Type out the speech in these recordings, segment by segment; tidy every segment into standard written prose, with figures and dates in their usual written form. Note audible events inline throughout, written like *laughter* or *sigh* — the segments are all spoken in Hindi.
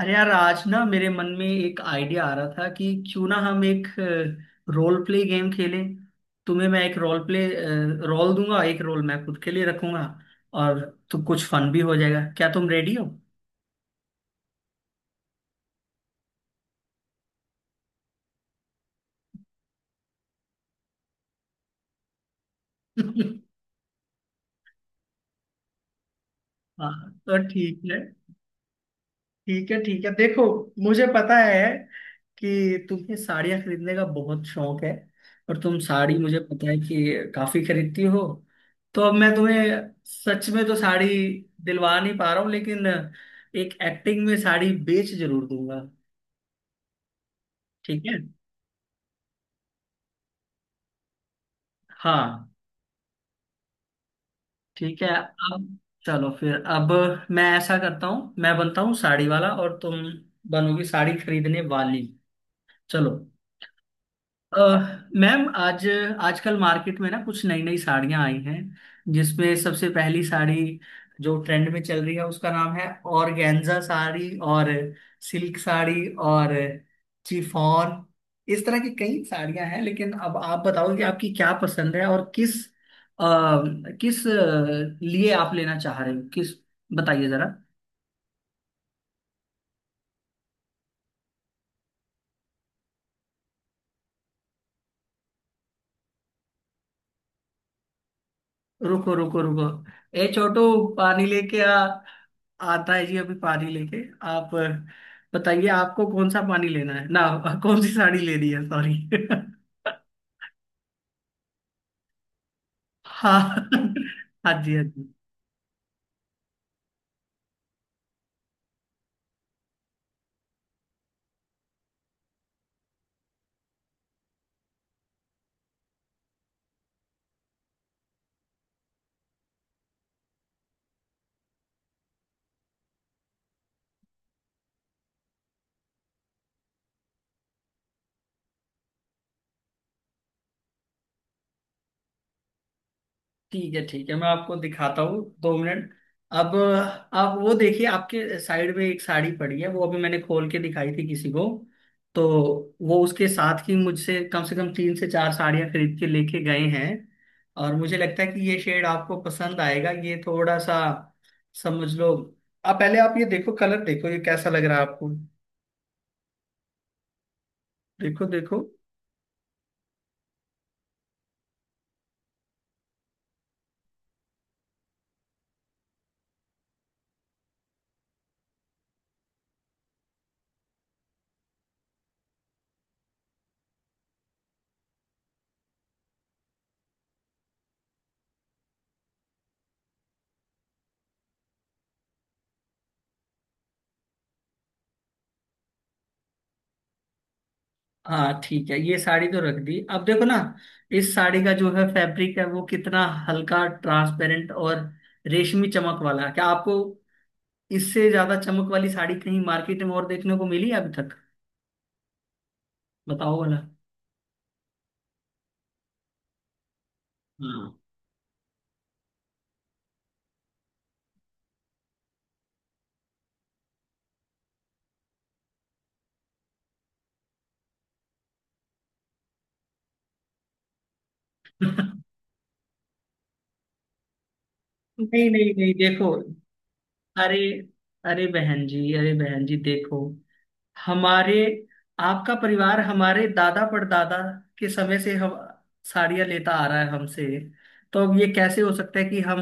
अरे यार, आज ना मेरे मन में एक आइडिया आ रहा था कि क्यों ना हम एक रोल प्ले गेम खेलें। तुम्हें मैं एक रोल दूंगा, एक रोल मैं खुद के लिए रखूंगा। और तो कुछ फन भी हो जाएगा। क्या तुम रेडी हो? *laughs* हाँ, तो ठीक है। ठीक है, ठीक है, देखो, मुझे पता है कि तुम्हें साड़ियाँ खरीदने का बहुत शौक है। और तुम साड़ी, मुझे पता है कि, काफी खरीदती हो। तो अब मैं तुम्हें सच में तो साड़ी दिलवा नहीं पा रहा हूँ, लेकिन एक एक्टिंग में साड़ी बेच जरूर दूंगा। ठीक है। हाँ। ठीक है। अब चलो फिर, अब मैं ऐसा करता हूँ, मैं बनता हूँ साड़ी वाला और तुम बनोगी साड़ी खरीदने वाली। चलो। अ, मैम, आज आजकल मार्केट में ना कुछ नई नई साड़ियां आई हैं, जिसमें सबसे पहली साड़ी जो ट्रेंड में चल रही है उसका नाम है ऑर्गेन्जा साड़ी, और सिल्क साड़ी, और चिफॉन। इस तरह की कई साड़ियां हैं, लेकिन अब आप बताओ कि आपकी क्या पसंद है और अ, लिए आप लेना चाह रहे हो, किस, बताइए जरा। रुको रुको रुको, ए छोटू, पानी लेके आ। आता है जी अभी पानी लेके। आप बताइए, आपको कौन सा पानी लेना है ना कौन सी साड़ी लेनी है, सॉरी। *laughs* हाँ *laughs* हाँ जी, हाँ जी। ठीक है ठीक है, मैं आपको दिखाता हूँ 2 मिनट। अब आप वो देखिए, आपके साइड में एक साड़ी पड़ी है, वो अभी मैंने खोल के दिखाई थी किसी को, तो वो उसके साथ ही मुझसे कम से कम 3 से 4 साड़ियाँ खरीद के लेके गए हैं। और मुझे लगता है कि ये शेड आपको पसंद आएगा। ये थोड़ा सा समझ लो, आप ये देखो, कलर देखो, ये कैसा लग रहा है आपको? देखो देखो। हाँ ठीक है, ये साड़ी तो रख दी, अब देखो ना, इस साड़ी का जो है फैब्रिक है वो कितना हल्का, ट्रांसपेरेंट और रेशमी चमक वाला है। क्या आपको इससे ज्यादा चमक वाली साड़ी कहीं मार्केट में और देखने को मिली है अभी तक? बताओ वाला। हाँ। *laughs* नहीं नहीं नहीं, देखो, अरे अरे बहन जी, अरे बहन जी देखो, हमारे आपका परिवार हमारे दादा परदादा के समय से हम साड़ियाँ लेता आ रहा है हमसे। तो अब ये कैसे हो सकता है कि हम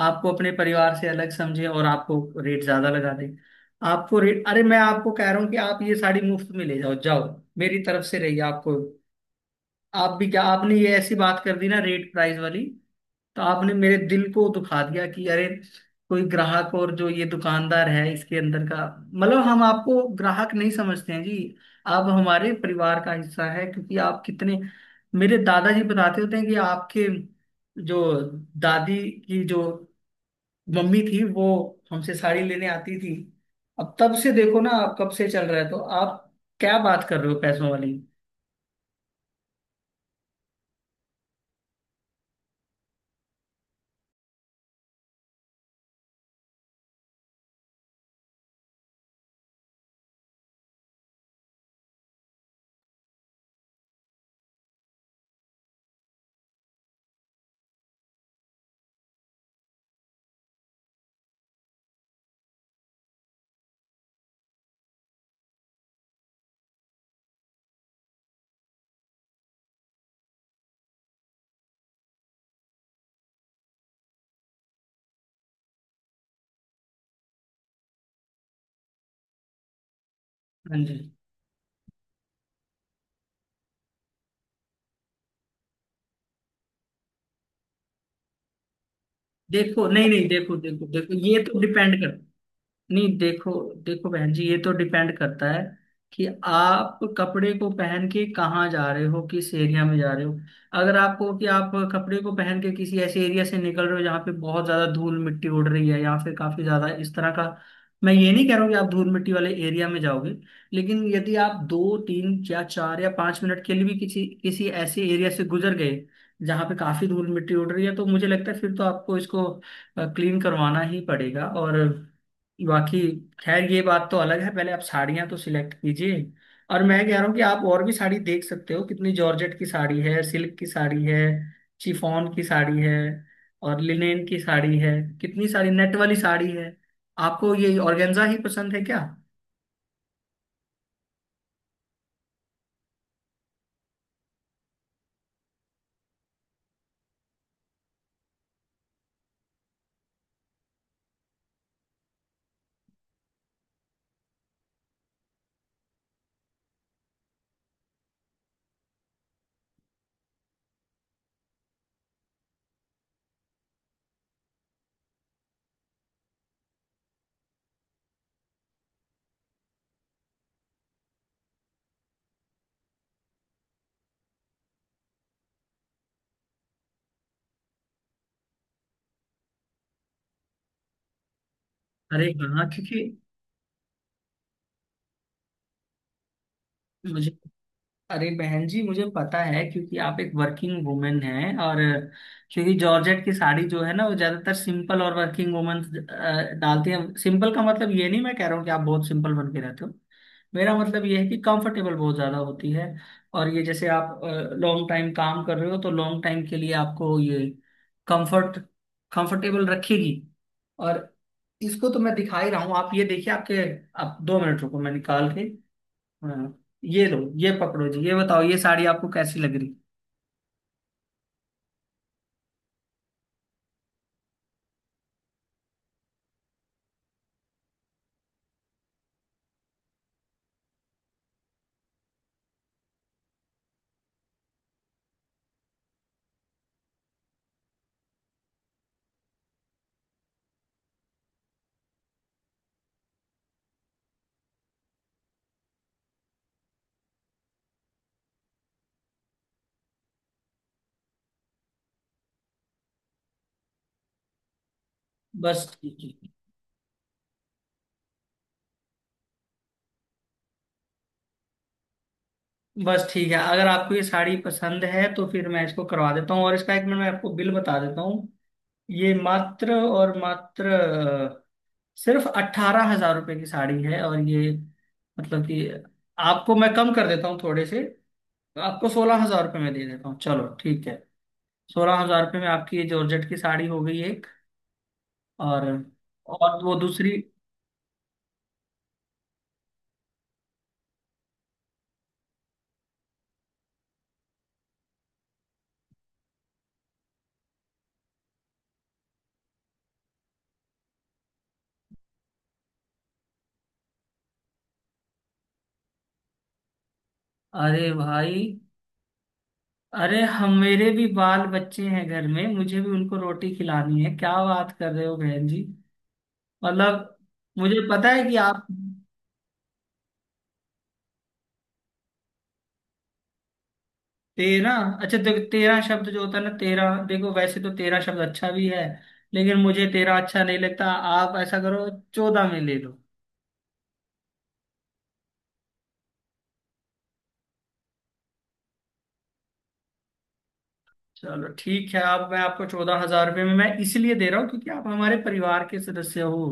आपको अपने परिवार से अलग समझें और आपको रेट ज्यादा लगा दें। आपको रेट अरे, मैं आपको कह रहा हूँ कि आप ये साड़ी मुफ्त में ले जाओ, जाओ, मेरी तरफ से रही आपको। आप भी क्या, आपने ये ऐसी बात कर दी ना, रेट प्राइस वाली, तो आपने मेरे दिल को दुखा दिया कि अरे, कोई ग्राहक और जो ये दुकानदार है, इसके अंदर का मतलब, हम आपको ग्राहक नहीं समझते हैं जी, आप हमारे परिवार का हिस्सा है। क्योंकि आप कितने, मेरे दादाजी बताते होते हैं कि आपके जो दादी की जो मम्मी थी, वो हमसे साड़ी लेने आती थी। अब तब से देखो ना, आप कब से चल रहा है, तो आप क्या बात कर रहे हो पैसों वाली। हाँ जी। देखो, नहीं नहीं, देखो देखो देखो, ये तो डिपेंड करता है। नहीं देखो, देखो बहन जी, ये तो डिपेंड करता है कि आप कपड़े को पहन के कहाँ जा रहे हो, किस एरिया में जा रहे हो। अगर आपको कि आप कपड़े को पहन के किसी ऐसे एरिया से निकल रहे हो जहाँ पे बहुत ज्यादा धूल मिट्टी उड़ रही है, या फिर काफी ज्यादा इस तरह का, मैं ये नहीं कह रहा हूँ कि आप धूल मिट्टी वाले एरिया में जाओगे, लेकिन यदि आप दो, तीन या चार या पांच मिनट के लिए भी किसी किसी ऐसे एरिया से गुजर गए जहाँ पे काफी धूल मिट्टी उड़ रही है, तो मुझे लगता है फिर तो आपको इसको क्लीन करवाना ही पड़ेगा। और बाकी खैर ये बात तो अलग है, पहले आप साड़ियाँ तो सिलेक्ट कीजिए। और मैं कह रहा हूँ कि आप और भी साड़ी देख सकते हो, कितनी जॉर्जेट की साड़ी है, सिल्क की साड़ी है, चिफॉन की साड़ी है, और लिनेन की साड़ी है, कितनी सारी नेट वाली साड़ी है। आपको ये ऑर्गेन्जा ही पसंद है क्या? अरे हाँ, क्योंकि मुझे अरे बहन जी, मुझे पता है क्योंकि आप एक वर्किंग वुमेन हैं। और क्योंकि जॉर्जेट की साड़ी जो है ना वो ज्यादातर सिंपल और वर्किंग वुमेन डालती हैं। सिंपल का मतलब ये नहीं मैं कह रहा हूँ कि आप बहुत सिंपल बन के रहते हो, मेरा मतलब ये है कि कंफर्टेबल बहुत ज्यादा होती है। और ये जैसे आप लॉन्ग टाइम काम कर रहे हो, तो लॉन्ग टाइम के लिए आपको ये कंफर्ट कंफर्टेबल रखेगी। और इसको तो मैं दिखा ही रहा हूँ। आप ये देखिए आपके, आप 2 मिनट रुको मैं निकाल के। हाँ, ये लो, ये पकड़ो जी, ये बताओ ये साड़ी आपको कैसी लग रही? बस ठीक है। बस ठीक है, अगर आपको ये साड़ी पसंद है तो फिर मैं इसको करवा देता हूँ, और इसका 1 मिनट मैं आपको बिल बता देता हूँ। ये मात्र और मात्र सिर्फ 18,000 रुपये की साड़ी है। और ये मतलब कि आपको मैं कम कर देता हूँ थोड़े से, आपको 16,000 रुपये में दे देता हूँ, चलो ठीक है। 16,000 रुपये में आपकी ये जॉर्जेट की साड़ी हो गई एक। और वो दूसरी, अरे भाई, अरे हम मेरे भी बाल बच्चे हैं घर में, मुझे भी उनको रोटी खिलानी है, क्या बात कर रहे हो बहन जी। मतलब, मुझे पता है कि आप, तेरह, अच्छा देखो, तेरह शब्द जो होता है ना, तेरह, देखो वैसे तो तेरह शब्द अच्छा भी है, लेकिन मुझे तेरह अच्छा नहीं लगता। आप ऐसा करो, चौदह में ले लो। चलो ठीक है, आप मैं आपको 14,000 रुपये में मैं इसलिए दे रहा हूँ क्योंकि आप हमारे परिवार के सदस्य हो।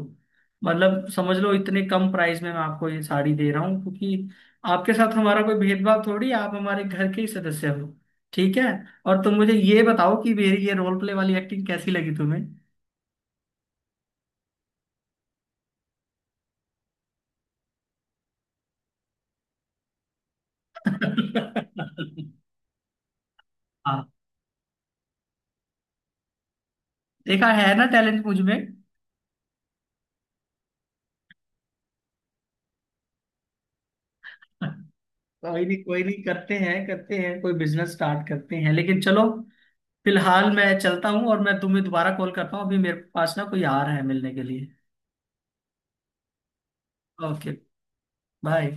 मतलब समझ लो, इतने कम प्राइस में मैं आपको ये साड़ी दे रहा हूँ क्योंकि आपके साथ हमारा कोई भेदभाव थोड़ी है, आप हमारे घर के ही सदस्य हो। ठीक है। और तुम मुझे ये बताओ कि मेरी ये रोल प्ले वाली एक्टिंग कैसी लगी तुम्हें? *laughs* हाँ। देखा है ना टैलेंट मुझ में? कोई नहीं, कोई नहीं, करते हैं करते हैं, कोई बिजनेस स्टार्ट करते हैं, लेकिन चलो फिलहाल मैं चलता हूँ, और मैं तुम्हें दोबारा कॉल करता हूँ, अभी मेरे पास ना कोई आ रहा है मिलने के लिए। ओके। बाय।